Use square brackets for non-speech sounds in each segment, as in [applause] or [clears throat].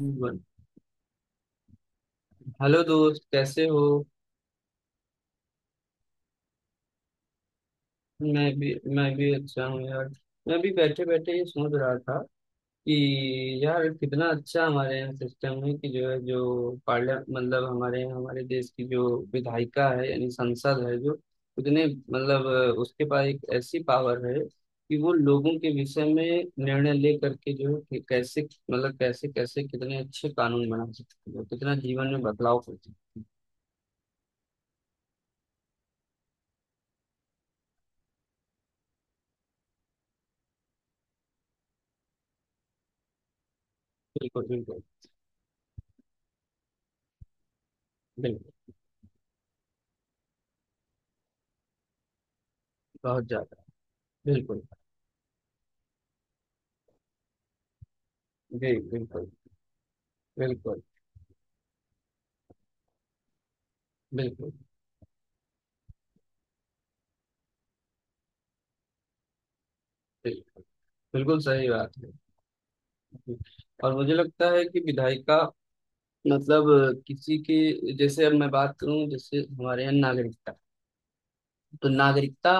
बोल। हेलो दोस्त कैसे हो। मैं भी अच्छा हूँ यार। मैं भी बैठे बैठे ये सोच रहा था कि यार कितना अच्छा हमारे यहाँ सिस्टम है कि जो है जो पार्लियामेंट मतलब हमारे यहाँ हमारे देश की जो विधायिका है यानी संसद है जो उतने मतलब उसके पास एक ऐसी पावर है कि वो लोगों के विषय में निर्णय ले करके जो है कि कैसे मतलब कैसे कैसे कितने अच्छे कानून बना सकती है कितना जीवन में बदलाव कर सकती है। बिल्कुल बिल्कुल। बिल्कुल। बहुत ज्यादा। बिल्कुल। जी बिल्कुल। बिल्कुल। बिल्कुल। बिल्कुल। बिल्कुल सही बात है। और मुझे लगता है कि विधायिका मतलब किसी के जैसे अब मैं बात करूं जैसे हमारे यहाँ नागरिकता तो नागरिकता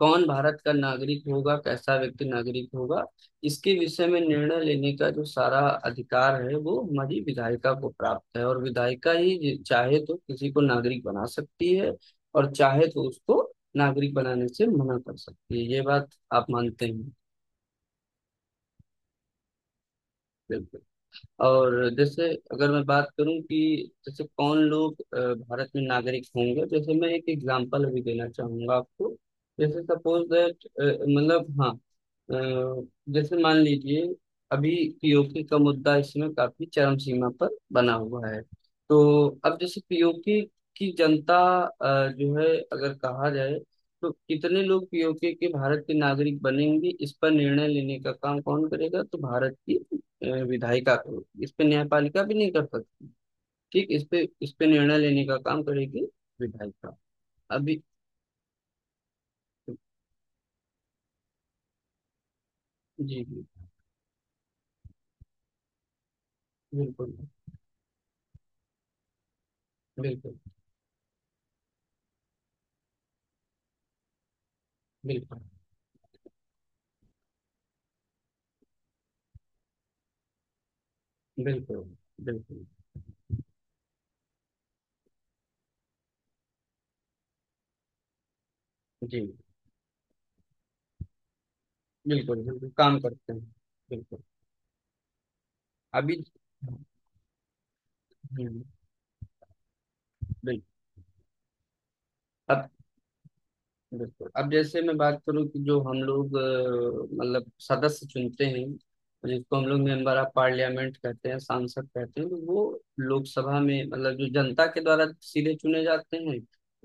कौन भारत का नागरिक होगा कैसा व्यक्ति नागरिक होगा। इसके विषय में निर्णय लेने का जो सारा अधिकार है वो हमारी विधायिका को प्राप्त है और विधायिका ही चाहे तो किसी को नागरिक बना सकती है और चाहे तो उसको नागरिक बनाने से मना कर सकती है। ये बात आप मानते हैं। बिल्कुल। और जैसे अगर मैं बात करूं कि जैसे कौन लोग भारत में नागरिक होंगे जैसे मैं एक एग्जांपल अभी देना चाहूंगा आपको। जैसे सपोज दैट मतलब हाँ, अ, जैसे मान लीजिए अभी पीओके का मुद्दा इस समय काफी चरम सीमा पर बना हुआ है। तो अब जैसे पीओके की जनता जो है अगर कहा जाए तो कितने लोग पीओके के भारत के नागरिक बनेंगे इस पर निर्णय लेने का काम कौन करेगा। तो भारत की विधायिका करेगी। इस पे न्यायपालिका भी नहीं कर सकती। ठीक इस पे निर्णय लेने का काम करेगी विधायिका। अभी जी जी। बिल्कुल बिल्कुल। बिल्कुल बिल्कुल। बिल्कुल। जी बिल्कुल। बिल्कुल काम करते हैं। बिल्कुल। अभी हम्म, बिल्कुल। अब बिल्कुल। अब जैसे मैं बात करूं कि जो हम लोग मतलब सदस्य चुनते हैं जिसको हम लोग मेंबर ऑफ पार्लियामेंट कहते हैं सांसद कहते हैं तो वो लोकसभा में मतलब जो जनता के द्वारा सीधे चुने जाते हैं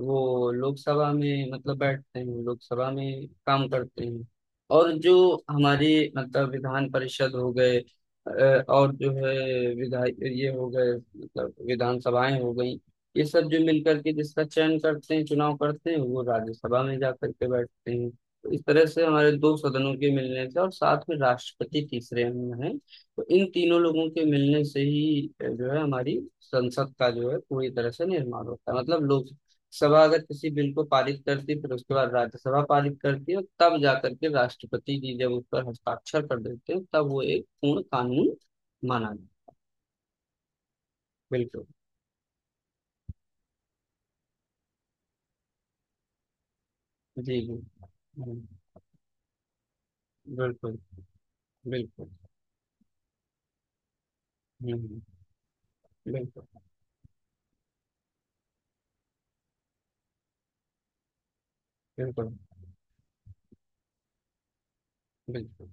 वो लोकसभा में मतलब बैठते हैं लोकसभा में काम करते हैं। और जो हमारी मतलब विधान परिषद हो गए, और जो है विधायक ये हो गए मतलब विधानसभाएं हो गई। ये सब जो मिलकर के जिसका चयन करते हैं चुनाव करते हैं वो राज्यसभा में जाकर के बैठते हैं। तो इस तरह से हमारे दो सदनों के मिलने से और साथ में राष्ट्रपति तीसरे में है तो इन तीनों लोगों के मिलने से ही जो है हमारी संसद का जो है पूरी तरह से निर्माण होता है। मतलब लोकसभा अगर किसी बिल को पारित करती है फिर उसके बाद राज्यसभा पारित करती है और तब जाकर के राष्ट्रपति जी जब उस पर हस्ताक्षर कर देते हैं तब वो एक पूर्ण कानून माना जाता है। बिल्कुल। जी जी। हम्म, बिल्कुल बिल्कुल। हम्म बिल्कुल। बिल्कुल। बिल्कुल।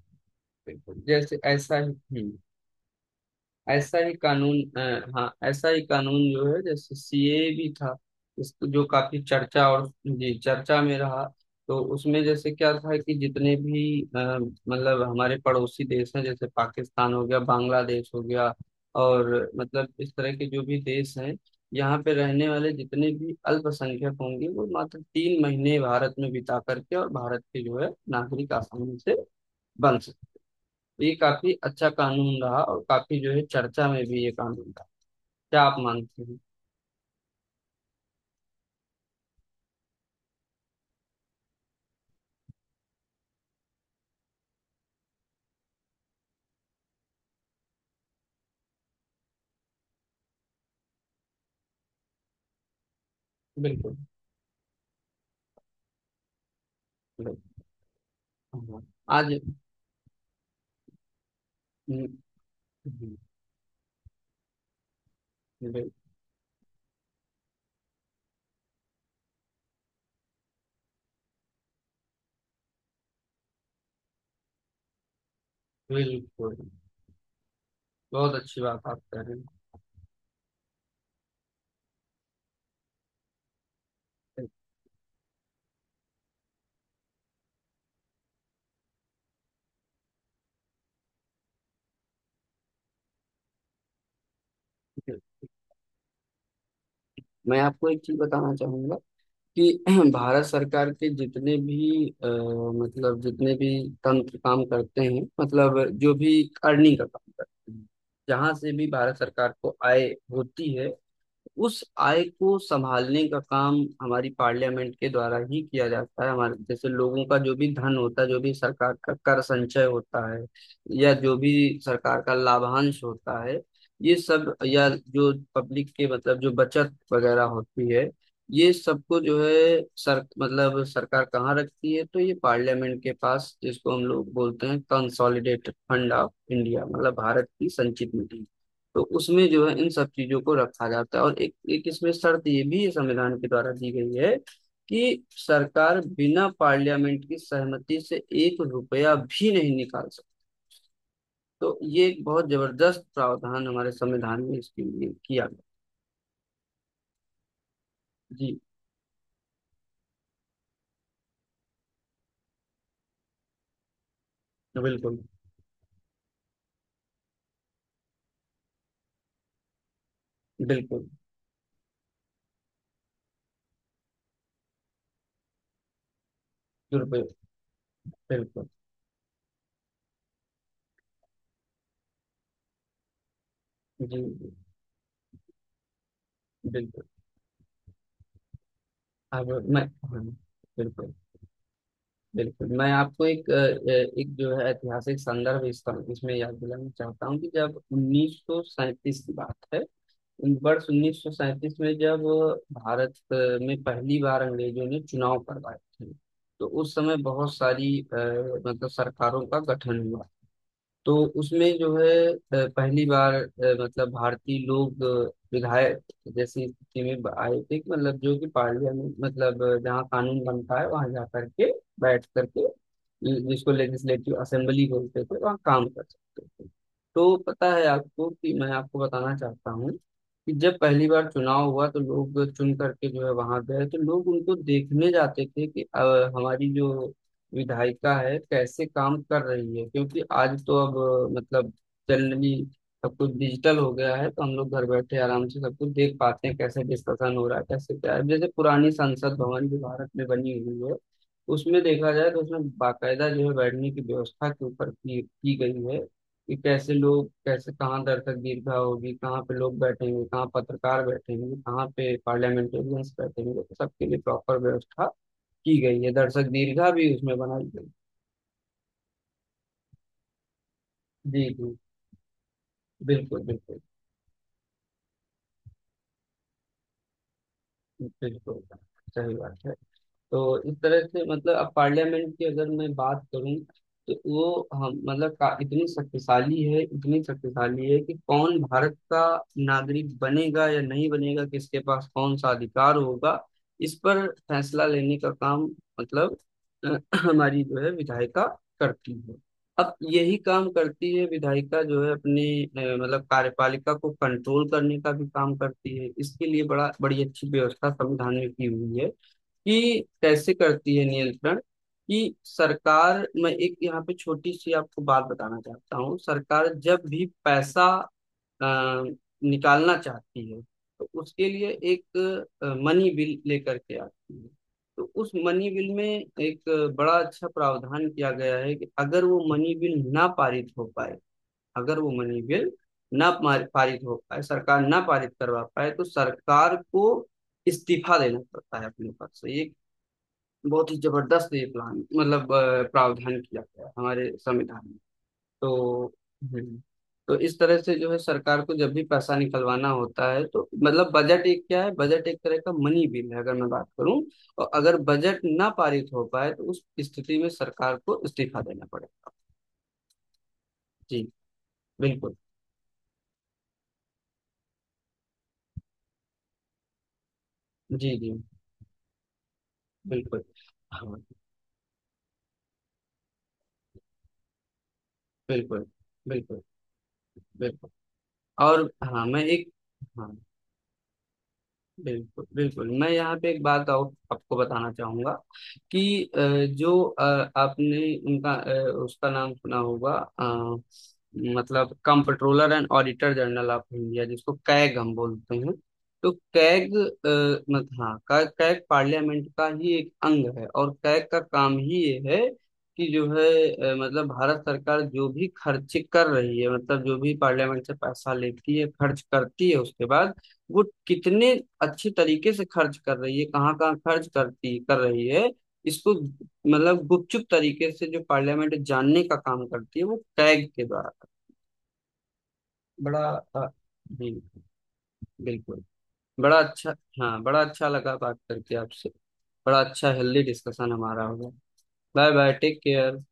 बिल्कुल जैसे ऐसा ही। ऐसा ही कानून हाँ, ऐसा ही कानून जो है जैसे सीए भी था। इसको जो काफी चर्चा, और जी चर्चा में रहा। तो उसमें जैसे क्या था कि जितने भी मतलब हमारे पड़ोसी देश हैं जैसे पाकिस्तान हो गया बांग्लादेश हो गया और मतलब इस तरह के जो भी देश हैं, यहाँ पे रहने वाले जितने भी अल्पसंख्यक होंगे वो मात्र तीन महीने भारत में बिता करके और भारत के जो है नागरिक आसानी से बन सकते हैं। तो ये काफी अच्छा कानून रहा और काफी जो है चर्चा में भी ये कानून रहा। क्या आप मानते हैं। बिल्कुल बिल्कुल। हाँ। आज हम्म, हम्म, बिल- बिल्कुल बहुत अच्छी बात आप कह रहे हैं। मैं आपको एक चीज बताना चाहूंगा कि [clears throat] भारत सरकार के जितने भी मतलब जितने भी तंत्र काम करते हैं मतलब जो भी अर्निंग का काम करते हैं, जहाँ से भी भारत सरकार को आय होती है उस आय को संभालने का काम हमारी पार्लियामेंट के द्वारा ही किया जाता है। हमारे जैसे लोगों का जो भी धन होता है, जो भी सरकार का कर संचय होता है, या जो भी सरकार का लाभांश होता है, ये सब या जो पब्लिक के मतलब जो बचत वगैरह होती है, ये सबको जो है सर मतलब सरकार कहाँ रखती है तो ये पार्लियामेंट के पास, जिसको हम लोग बोलते हैं कंसोलिडेटेड फंड ऑफ इंडिया मतलब भारत की संचित निधि। तो उसमें जो है इन सब चीजों को रखा जाता है और एक एक इसमें शर्त ये भी संविधान के द्वारा दी गई है कि सरकार बिना पार्लियामेंट की सहमति से एक रुपया भी नहीं निकाल सकती। तो ये एक बहुत जबरदस्त प्रावधान हमारे संविधान में इसके लिए किया गया। जी। बिल्कुल। बिल्कुल। दुरुपयोग। बिल्कुल। जी जी, बिल्कुल। अब मैं हाँ, बिल्कुल बिल्कुल, मैं आपको एक एक जो है ऐतिहासिक संदर्भ इस इसमें याद दिलाना चाहता हूँ कि जब 1937 की बात है, वर्ष 1937 में जब भारत में पहली बार अंग्रेजों ने चुनाव करवाए थे। तो उस समय बहुत सारी मतलब सरकारों का गठन हुआ। तो उसमें जो है पहली बार मतलब भारतीय लोग विधायक जैसी स्थिति में आए थे कि मतलब जो कि पार्लियामेंट मतलब जहाँ कानून बनता है वहां जा करके बैठ करके जिसको लेजिस्लेटिव असेंबली बोलते थे वहाँ काम कर सकते थे। तो पता है आपको, कि मैं आपको बताना चाहता हूँ कि जब पहली बार चुनाव हुआ तो लोग चुन करके जो है वहां गए तो लोग उनको देखने जाते थे कि हमारी जो विधायिका है कैसे काम कर रही है, क्योंकि आज तो अब मतलब जनरली सब कुछ डिजिटल हो गया है तो हम लोग घर बैठे आराम से सब कुछ देख पाते हैं कैसे डिस्कशन हो रहा है कैसे क्या है। जैसे पुरानी संसद भवन जो भारत में बनी हुई है उसमें देखा जाए तो उसमें बाकायदा जो है बैठने की व्यवस्था के ऊपर की गई है कि कैसे लोग कैसे कहाँ दर्शक दीर्घा होगी कहाँ पे लोग बैठेंगे कहाँ पत्रकार बैठेंगे कहाँ पे पार्लियामेंटेरियंस बैठेंगे, तो सबके लिए प्रॉपर व्यवस्था की गई है, दर्शक दीर्घा भी उसमें बनाई गई। जी जी। बिल्कुल बिल्कुल। बिल्कुल सही बात है। तो इस तरह से मतलब अब पार्लियामेंट की अगर मैं बात करूं तो वो हम मतलब इतनी शक्तिशाली है कि कौन भारत का नागरिक बनेगा या नहीं बनेगा किसके पास कौन सा अधिकार होगा इस पर फैसला लेने का काम मतलब अ, [clears throat] हमारी जो है विधायिका करती है। अब यही काम करती है विधायिका जो है, अपने मतलब कार्यपालिका को कंट्रोल करने का भी काम करती है। इसके लिए बड़ा बड़ी अच्छी व्यवस्था संविधान में की हुई है कि कैसे करती है नियंत्रण। कि सरकार, मैं एक यहाँ पे छोटी सी आपको बात बताना चाहता हूँ, सरकार जब भी पैसा अ, निकालना चाहती है तो उसके लिए एक मनी बिल लेकर के आती है। तो उस मनी बिल में एक बड़ा अच्छा प्रावधान किया गया है कि अगर वो मनी बिल ना पारित हो पाए, अगर वो मनी बिल ना मार- पारित हो पाए, सरकार ना पारित करवा पाए, तो सरकार को इस्तीफा देना पड़ता है अपने पद से। ये बहुत ही जबरदस्त ये प्लान मतलब प्रावधान किया गया है हमारे संविधान में। तो हम्म, तो इस तरह से जो है सरकार को जब भी पैसा निकलवाना होता है तो मतलब बजट एक क्या है, बजट एक तरह का मनी बिल है अगर मैं बात करूं, और अगर बजट ना पारित हो पाए तो उस स्थिति में सरकार को इस्तीफा देना पड़ेगा। जी। बिल्कुल। जी जी। बिल्कुल। हाँ। बिल्कुल बिल्कुल। बिल्कुल। और हाँ, मैं एक हाँ, बिल्कुल बिल्कुल, मैं यहाँ पे एक बात और आपको बताना चाहूंगा कि जो आपने उनका अ, उसका नाम सुना होगा अ, मतलब comptroller and auditor general of India जिसको कैग हम बोलते हैं। तो कैग अ, मत हाँ का- कैग पार्लियामेंट का ही एक अंग है और कैग का काम ही ये है कि जो है मतलब भारत सरकार जो भी खर्च कर रही है मतलब जो भी पार्लियामेंट से पैसा लेती है खर्च करती है, उसके बाद वो कितने अच्छे तरीके से खर्च कर रही है कहाँ कहाँ खर्च करती कर रही है, इसको मतलब गुपचुप तरीके से जो पार्लियामेंट जानने का काम करती है वो टैग के द्वारा। बड़ा अ, जी, बिल्कुल। बड़ा अच्छा। हाँ बड़ा अच्छा लगा बात करके आपसे। बड़ा अच्छा हेल्दी डिस्कशन हमारा होगा। Bye bye. Take care.